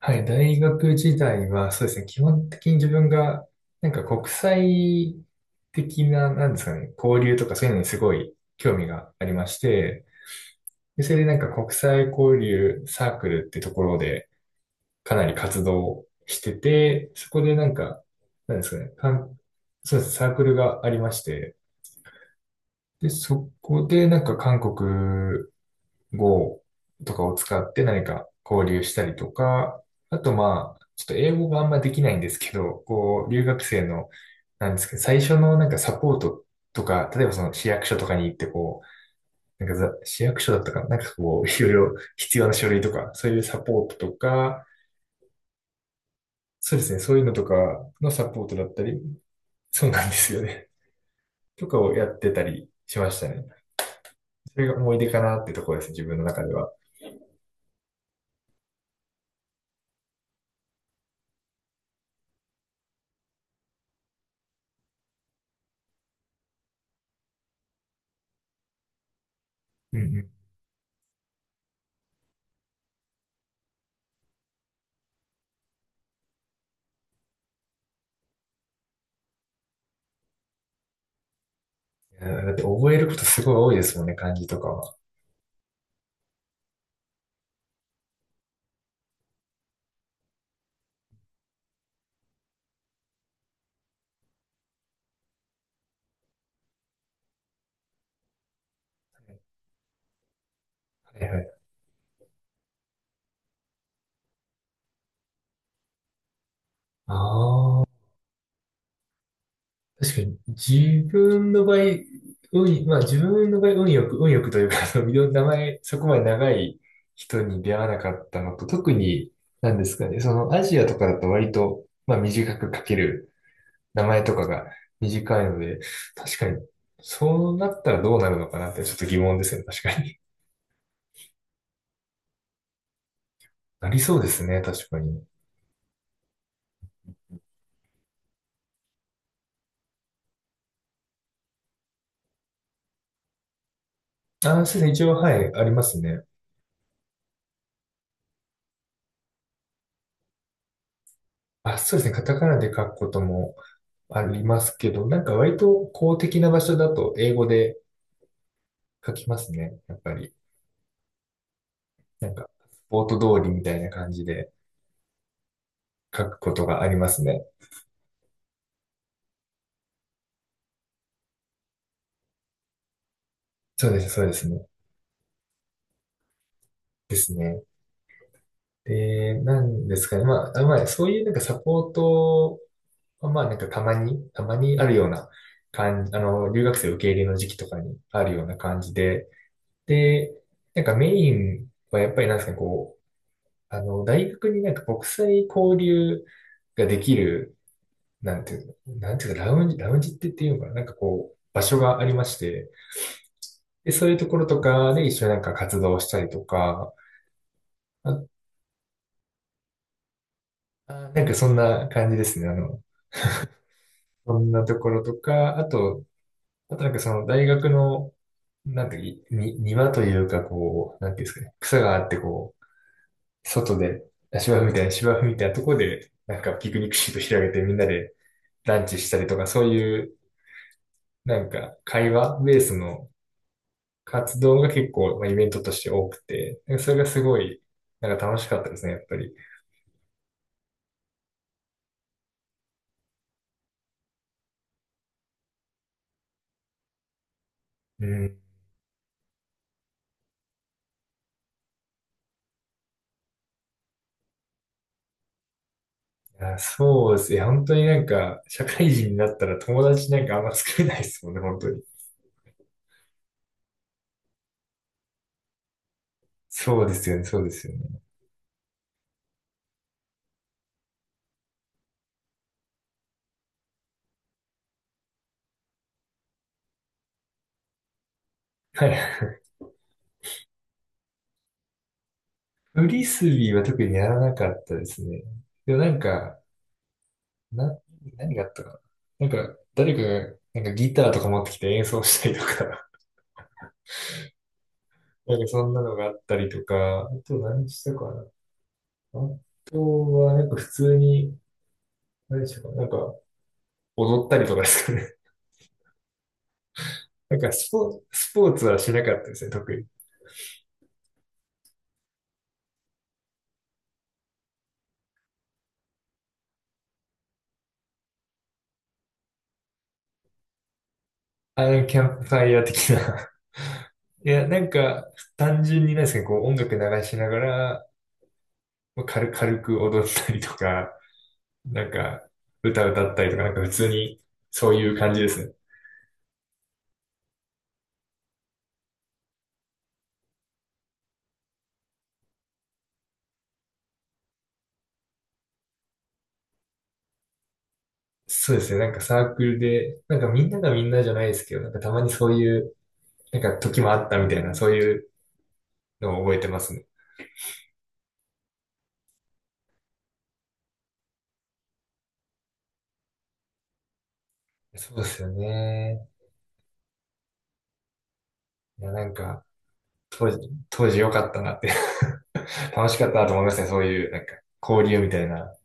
はい、大学時代は、そうですね、基本的に自分が、なんか国際的な、なんですかね、交流とかそういうのにすごい興味がありまして、でそれでなんか国際交流サークルってところでかなり活動してて、そこでなんか、なんですかね、そうですね、サークルがありまして、で、そこでなんか韓国 Go とかを使って何か交流したりとか、あとまあ、ちょっと英語があんまできないんですけど、こう、留学生の、なんですけど、最初のなんかサポートとか、例えばその市役所とかに行ってこう、なんか市役所だったかな、なんかこう、いろいろ必要な書類とか、そういうサポートとか、そうですね、そういうのとかのサポートだったり、そうなんですよね。とかをやってたりしましたね。それが思い出かなってところです、自分の中では。うんうん。いやだって覚えることすごい多いですもんね、漢字とかは。はいはい。ああ、確かに自分の場合、まあ自分の場合運よく、運よくというか、あのいろんな名前、そこまで長い人に出会わなかったのと、特に、なんですかね、そのアジアとかだと割と、まあ短く書ける名前とかが短いので、確かに、そうなったらどうなるのかなってちょっと疑問ですね、確かに。なりそうですね、確かに。あ、そうですね、一応、はい、ありますね。あ、そうですね、カタカナで書くこともありますけど、なんか割と公的な場所だと英語で書きますね、やっぱり。なんか、スポート通りみたいな感じで書くことがありますね。そうです、そうですね。ですね。で、なんですかね。まあ、そういうなんかサポート、まあなんかたまにあるような感じ、あの、留学生受け入れの時期とかにあるような感じで、で、なんかメインはやっぱりなんですかね、こう、あの、大学になんか国際交流ができる、なんていうの、なんていうか、ラウンジって言っていうのかな、なんかこう、場所がありまして、で、そういうところとかで一緒になんか活動したりとか、あ、あ、なんかそんな感じですね、あの、そんなところとか、あと、あとなんかその大学の、なんていうか、に、庭というかこう、なんていうんですかね、草があってこう、外で、芝生みたいなとこで、なんかピクニックシート広げてみんなでランチしたりとか、そういう、なんか会話ベースの活動が結構、まあ、イベントとして多くて、なんかそれがすごい、なんか楽しかったですね、やっぱり。うん。あ、そうですね。本当になんか、社会人になったら友達なんかあんま作れないですもんね、本当に。そうですよね、そうですよね。はい。フリスビーは特にやらなかったですね。でもなんか、な、何があったかな。なんか、誰かが、なんかギターとか持ってきて演奏したりとか、なんかそんなのがあったりとか、あと何したかな。あとは、なんか普通に、何したかな。なんか、踊ったりとかですかね。なんかスポーツはしなかったですね、特に。あの、なんかキャンプファイヤー的な。いや、なんか、単純になんですかね、こう音楽流しながら、まあ軽く踊ったりとか、なんか、歌ったりとか、なんか普通に、そういう感じですね。そうですね。なんかサークルで、なんかみんながみんなじゃないですけど、なんかたまにそういう、なんか時もあったみたいな、そういうのを覚えてますね。そうですよね。いや、なんか、当時良かったなって 楽しかったなと思いますね。そういう、なんか、交流みたいな。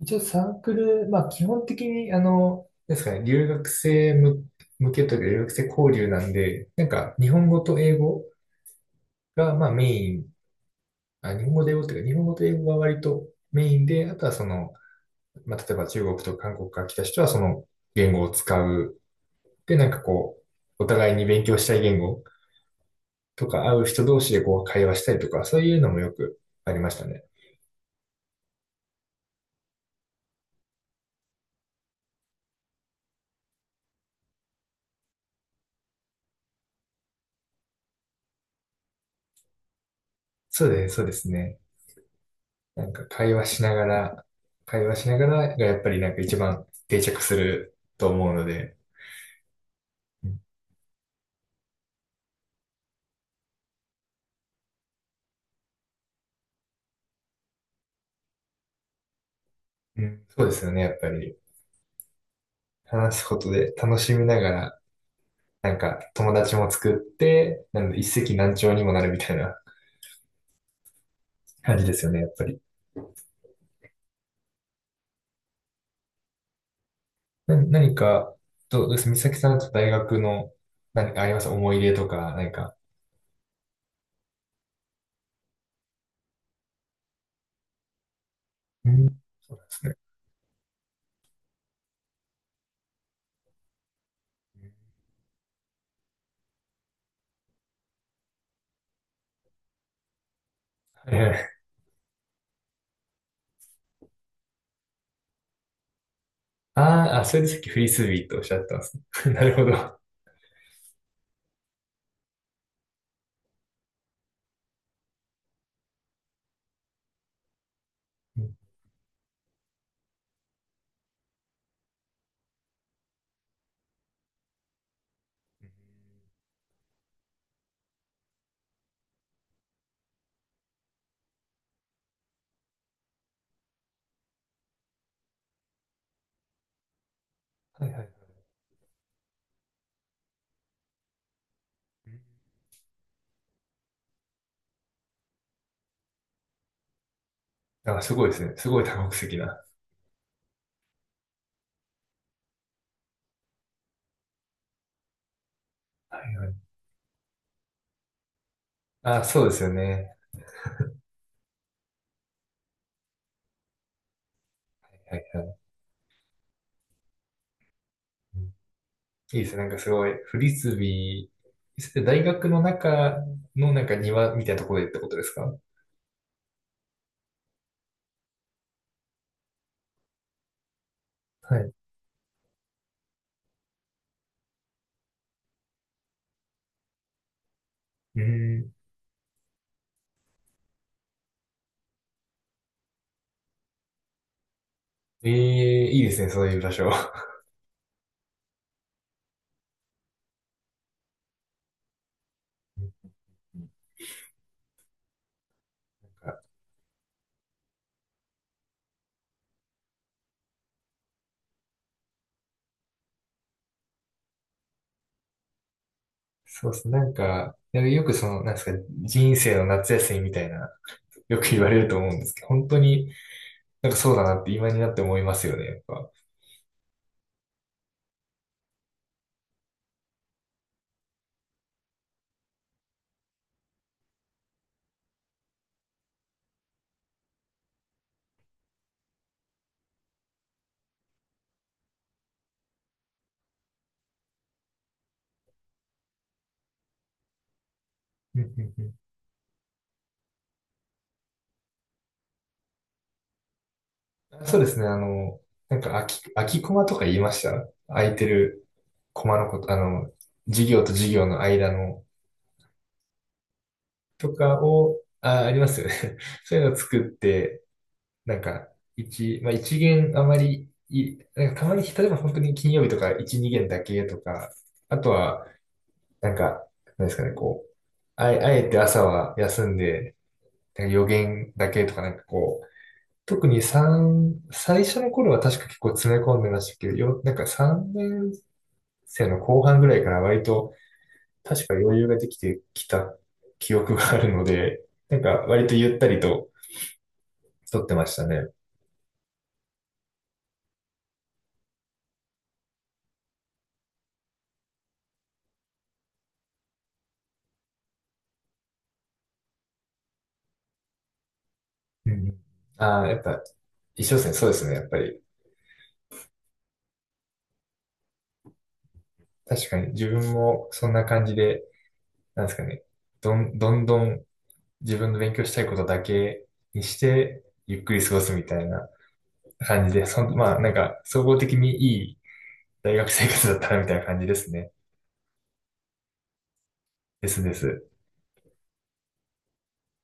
一応サークル、まあ基本的に、あの、なんですかね、留学生向けというか、留学生交流なんで、なんか、日本語と英語が、まあメインあ、日本語で英語っていうか、日本語と英語が割とメインで、あとはその、まあ、例えば中国とか韓国から来た人はその言語を使う。で、なんかこう、お互いに勉強したい言語とか会う人同士でこう会話したりとか、そういうのもよくありましたね。そうです、そうですね。なんか会話しながらがやっぱりなんか一番定着すると思うので、うん、うんそうですよね、やっぱり。話すことで楽しみながら、なんか友達も作って、なん一石何鳥にもなるみたいな感じですよね、やっぱり。何か、どうです美咲さんと大学の何かあります思い入れとか、何か。うん、そうなんですね。はいはい。あーあ、それでさっきフリスビーとおっしゃってたんですね。なるほど。うん。はいはい。あ、すごいですね。すごい多国籍な。はいはい。あ、そうですよね。はいはい。うん。いいですね。なんかすごい、フリスビー、大学の中のなんか庭みたいなところでってことですか。はい。うん。ええ、いいですね、そういう場所。ん、そうですねなんか、なんかよくその、なんですか、人生の夏休みみたいな、よく言われると思うんですけど、本当になんかそうだなって今になって思いますよね、やっぱ。うんうんうん。そうですね、あの、なんか空きコマとか言いました、空いてるコマのこと、あの、授業と授業の間のとかを、あ、ありますよね。そういうのを作って、なんか、まあ一限あまりい、なんかたまに、例えば本当に金曜日とか一、二限だけとか、あとは、なんか、なんですかね、こう、あえて朝は休んで、なんか予言だけとか、なんかこう、特に最初の頃は確か結構詰め込んでましたけど、なんか3年生の後半ぐらいから割と確か余裕ができてきた記憶があるので、なんか割とゆったりと撮ってましたね。うん。ああ、やっぱ一緒ですね。そうですね。やっぱり確かに自分もそんな感じで、なんですかね。どんどん自分の勉強したいことだけにしてゆっくり過ごすみたいな感じで、そん、まあなんか総合的にいい大学生活だったらみたいな感じですね。ですです。